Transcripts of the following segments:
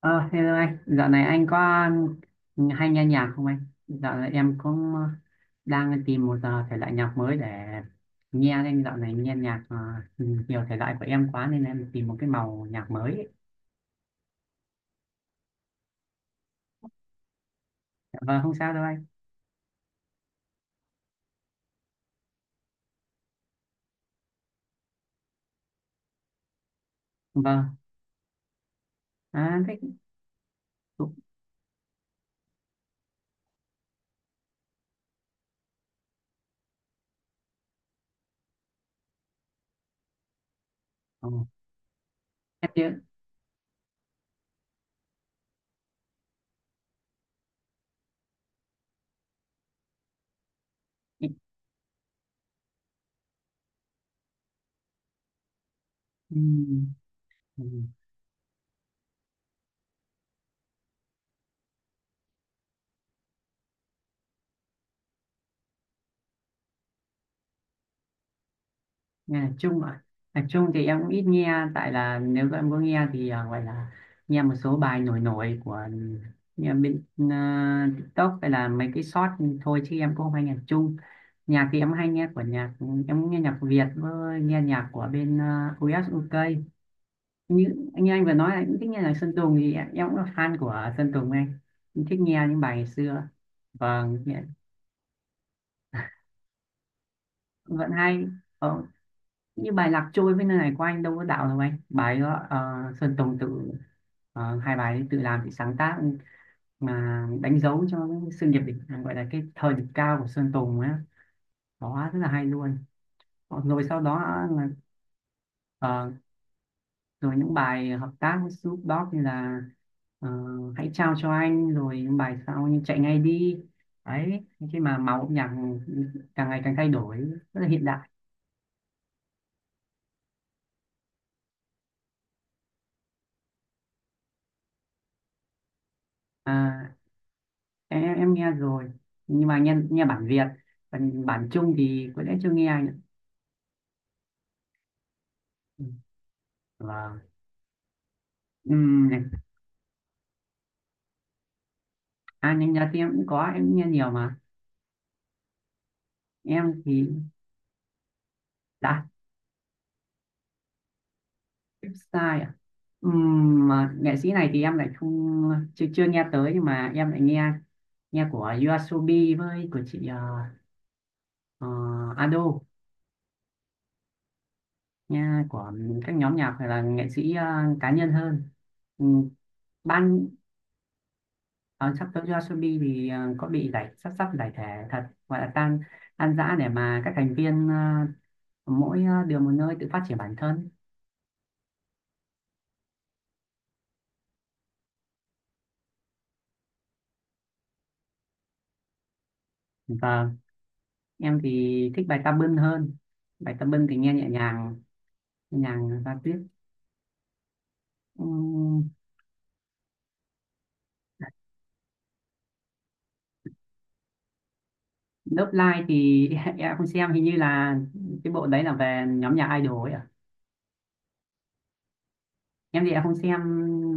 Ờ, Hello anh, dạo này anh có hay nghe nhạc không anh? Dạo này em cũng đang tìm một thể loại nhạc mới để nghe anh. Dạo này nghe nhạc nhiều thể loại của em quá nên em tìm một cái màu nhạc mới. Ấy. Vâng, không sao đâu anh. Vâng, à, thích. Ồ, em chưa. Ừ. Ừ. Nhạc Trung ạ. Nhạc Trung thì em cũng ít nghe, tại là nếu em có nghe thì gọi là nghe một số bài nổi nổi của, nghe bên TikTok hay là mấy cái short thôi, chứ em cũng không hay nhạc Trung. Nhạc thì em hay nghe của nhạc, em nghe nhạc Việt với nghe nhạc của bên à, US UK. Như, như anh vừa nói là cũng thích nghe nhạc Sơn Tùng thì em cũng là fan của Sơn Tùng anh. Em thích nghe những bài ngày xưa. Vâng, nghe- vẫn hay. Ờ, như bài Lạc Trôi với Nơi Này của anh đâu có đạo đâu anh, bài đó Sơn Tùng tự hai bài ấy tự làm tự sáng tác, mà đánh dấu cho cái sự nghiệp đỉnh, gọi là cái thời đỉnh cao của Sơn Tùng á, đó rất là hay luôn. Ờ, rồi sau đó là, ờ, rồi những bài hợp tác với Snoop Dogg như là ờ, Hãy Trao Cho Anh, rồi những bài sau như Chạy Ngay Đi đấy, khi mà màu âm nhạc càng ngày càng thay đổi, rất là hiện đại. À, em nghe rồi, nhưng mà nghe, nghe bản Việt, còn bản Trung thì có lẽ chưa nghe anh ạ. Ừ, vâng. Này, à nhanh nhật thì em cũng có, em nghe nhiều mà. Em thì đã sai à. Mà nghệ sĩ này thì em lại không, chưa chưa nghe tới, nhưng mà em lại nghe, nghe của YOASOBI với của chị ờ, Ado, nghe của các nhóm nhạc hay là nghệ sĩ cá nhân hơn. Ừm, ban. Ờ, sắp tới Yoasobi thì có bị giải, sắp sắp giải thể thật, gọi là tan, tan rã, để mà các thành viên mỗi điều một nơi tự phát triển bản thân. Và em thì thích bài Tà Bưng hơn, bài Tà Bưng thì nghe nhẹ nhàng, nhẹ nhàng và tuyết. um, Love Live thì em không xem, hình như là cái bộ đấy là về nhóm nhạc idol ấy à. Em thì em không xem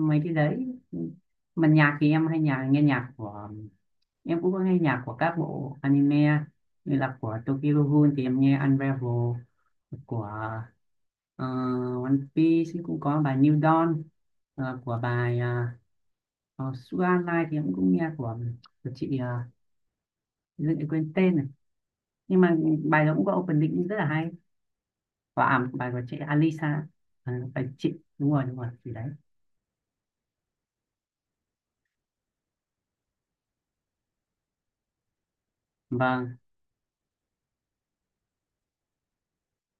mấy cái đấy. Mà nhạc thì em hay nhà nghe nhạc của, em cũng có nghe nhạc của các bộ anime, như là của Tokyo Ghoul thì em nghe Unravel, của ờ, One Piece thì cũng có bài New Dawn, của bài Sugar Line thì em cũng nghe của chị em quên tên này, nhưng mà bài đó cũng có opening rất là hay, và à, bài của chị Alisa. Ờ, bài chị đúng rồi, đúng rồi, chị đấy. Vâng,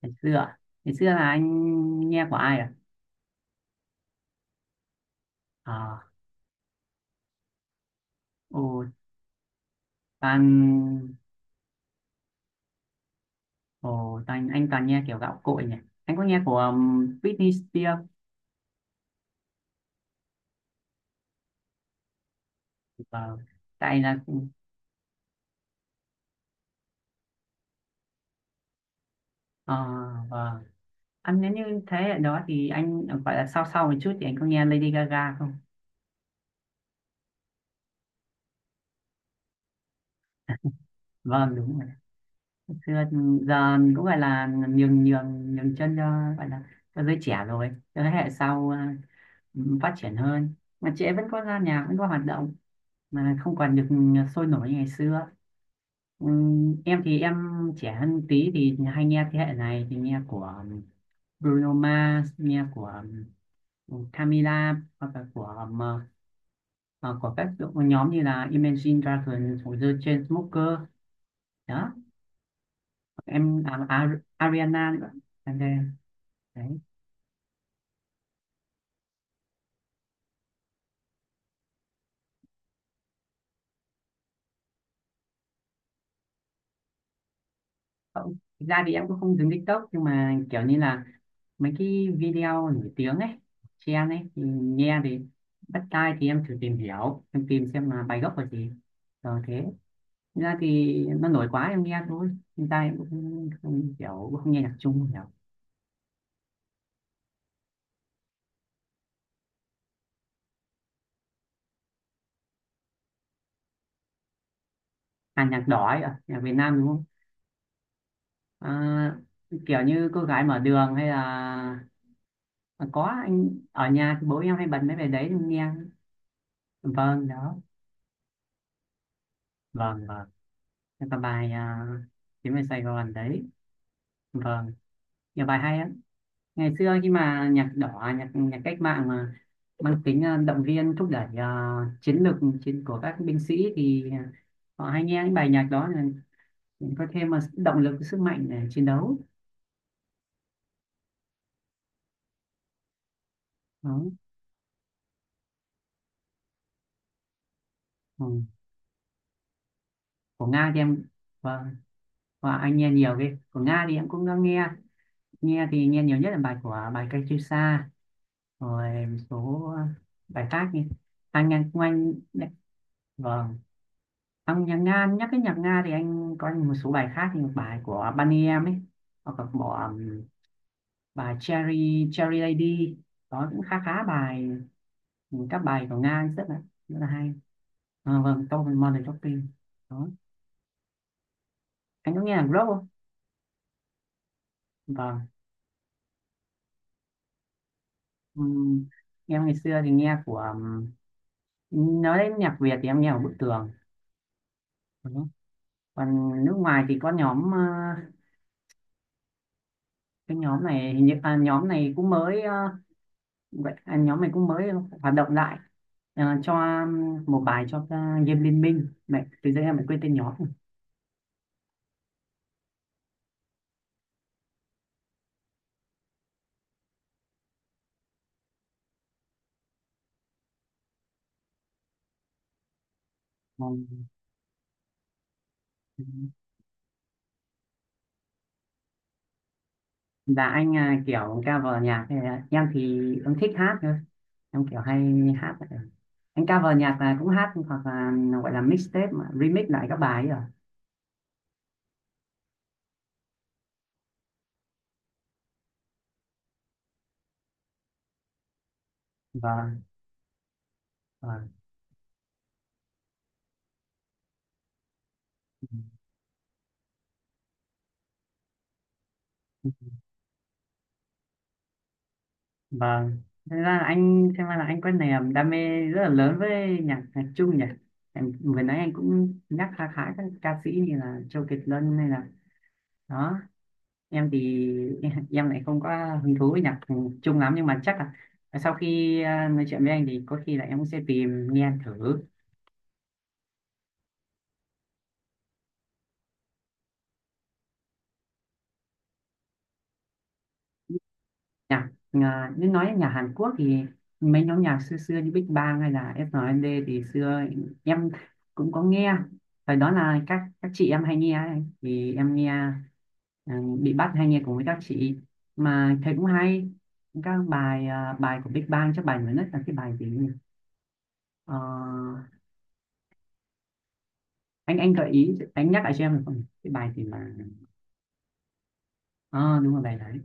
ngày xưa, ngày xưa là anh nghe của ai ạ? À? Ờ, ồ, toàn. Ồ, anh toàn nghe kiểu gạo cội nhỉ. Anh có nghe của Britney Spears. Vâng. Tại là ờ, vâng. Anh nếu như thế hệ đó thì anh gọi là sau, sau một chút thì anh có nghe Lady Gaga không? Vâng đúng rồi. Xưa giờ cũng gọi là nhường, nhường, nhường chân cho, gọi là cho giới trẻ rồi. Cho thế hệ sau phát triển hơn. Mà chị ấy vẫn có ra nhà, vẫn có hoạt động, mà không còn được sôi nổi như ngày xưa. Em thì em trẻ hơn tí thì hay nghe thế hệ này, thì nghe của um, Bruno Mars, nghe của Camila, hoặc là của của các đội- nhóm như là Imagine Dragons hoặc The Chainsmokers đó. Em à, Ar- Ariana nữa. Em đây, đấy. Không, thực ra thì em cũng không dùng TikTok, nhưng mà kiểu như là mấy cái video nổi tiếng ấy, trend ấy thì nghe thì bắt tai, thì em thử tìm hiểu, em tìm xem là bài gốc là gì rồi thế. Thực ra thì nó nổi quá em nghe thôi. Hiện tại em cũng không kiểu, cũng không nghe nhạc Trung nhiều. À, nhạc đỏ ấy à, nhạc Việt Nam đúng không. À, kiểu như Cô Gái Mở Đường hay là à, có anh ở nhà thì bố em hay bật mấy bài đấy em nghe. Vâng đó. Vâng, vâng. Cái còn bài Chuyến về Sài Gòn đấy. Vâng. Nhiều bài hay lắm. Ngày xưa khi mà nhạc đỏ, nhạc nhạc cách mạng mà mang tính à, động viên thúc đẩy à, chiến lược chiến của các binh sĩ, thì à, họ hay nghe những bài nhạc đó, mình có thêm một động lực sức mạnh để chiến đấu đó. Ừ. Của Nga thì em, và, và anh nghe nhiều cái của Nga thì em cũng đã nghe. Nghe thì nghe nhiều nhất là bài của, bài Cây Chiêu Sa, rồi một số bài khác như anh ngang của anh đấy. Vâng. Ông nhạc Nga, nhắc cái nhạc Nga thì anh có một số bài khác như bài của Bunny em ấy, hoặc là bỏ bài Cherry Cherry Lady đó, cũng khá, khá bài, các bài của Nga rất là, rất là hay. À, vâng, tôi Modern Talking đó. Anh có nghe nhạc rock không? Vâng. Ừm, em ngày xưa thì nghe của nói đến nhạc Việt thì em nghe của Bức Tường. Ừ. Còn nước ngoài thì có nhóm cái nhóm này hình như à, nhóm này cũng mới vậy à, nhóm này cũng mới hoạt động lại. Ờ, cho một bài cho Diêm Liên Minh mẹ, từ giờ em lại quên tên nhóm. Ừ. Và anh kiểu cover nhạc thì em thích hát thôi, em kiểu hay hát. Anh cover nhạc là cũng hát, hoặc là gọi là mixtape mà remix lại các bài ấy à. Vâng. Vâng. Vâng, thế ra là anh, xem ra là anh có niềm đam mê rất là lớn với nhạc nhạc Trung nhỉ. Em vừa nãy anh cũng nhắc khá, khá các ca sĩ như là Châu Kiệt Luân hay là đó. Em thì em lại không có hứng thú với nhạc Trung lắm, nhưng mà chắc là sau khi à, nói chuyện với anh thì có khi là em cũng sẽ tìm nghe thử. Nhạc à, nếu nói nhà Hàn Quốc thì mấy nhóm nhạc xưa xưa như Big Bang hay là SNSD thì xưa em cũng có nghe. Thời đó là các chị em hay nghe ấy, thì em nghe. Ừ, bị bắt hay nghe cùng với các chị mà thấy cũng hay. Các bài à, bài của Big Bang chắc bài mới nhất là cái bài gì nhỉ? Ờ, anh gợi ý anh nhắc lại cho em được không, cái bài gì mà. Ờ đúng rồi, bài đấy,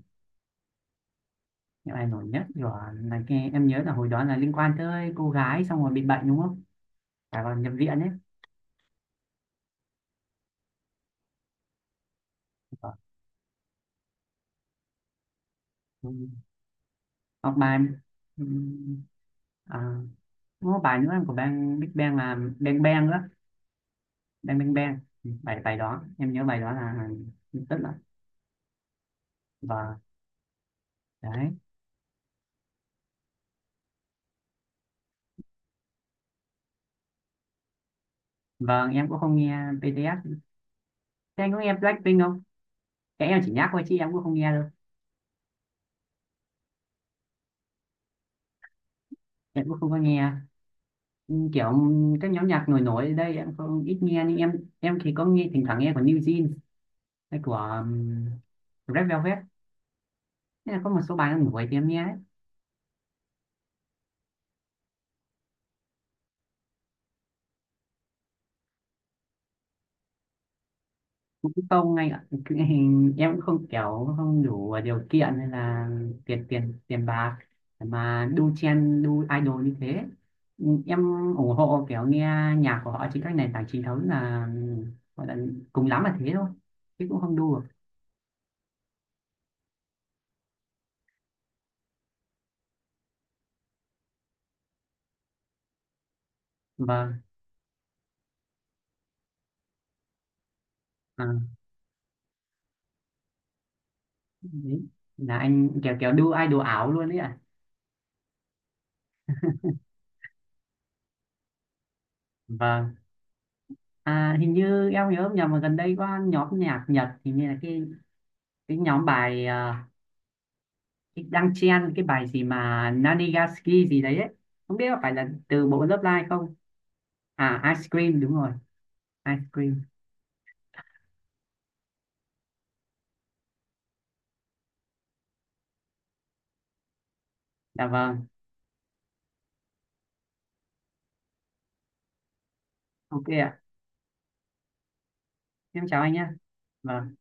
cái bài nổi nhất rồi. Là nghe em nhớ là hồi đó là liên quan tới cô gái xong rồi bị bệnh đúng không, à còn nhập viện ấy. Ừ. Hoặc bài, ừ, à, có bài nữa của Big Bang là Bang Bang nữa, Bang Bang Bang. Ừ, bài, bài đó em nhớ bài đó là, tức là, và đấy. Vâng, em cũng không nghe BTS. Thế anh có nghe Blackpink không, cái em chỉ nhắc thôi chứ em cũng không nghe đâu. Em cũng không có nghe kiểu các nhóm nhạc nổi nổi ở đây, em không ít nghe, nhưng em thì có nghe, thỉnh thoảng nghe của New Jeans hay của Red Velvet. Thế là có một số bài nó nổi thì em nghe. Cũng không anh ạ. Cái hình em cũng không kiểu không đủ điều kiện hay là tiền, tiền bạc để mà đu chen, đu idol như thế. Ừ, em ủng hộ kiểu nghe nhạc của họ trên các nền tảng chính thống, là gọi là cùng lắm là thế thôi, chứ cũng không đu được. Vâng. À, đấy. Là anh kiểu, kiểu đu idol ảo luôn đấy ạ. Vâng. À, hình như em nhớ không nhầm mà gần đây có nhóm nhạc Nhật, hình như là cái nhóm bài à, đang chen cái bài gì mà Nanigaski gì đấy ấy. Không biết có phải là từ bộ Love Live không? À, Ice Cream đúng rồi, Ice Cream. Dạ vâng, ok ạ. Em chào anh nhé. Vâng.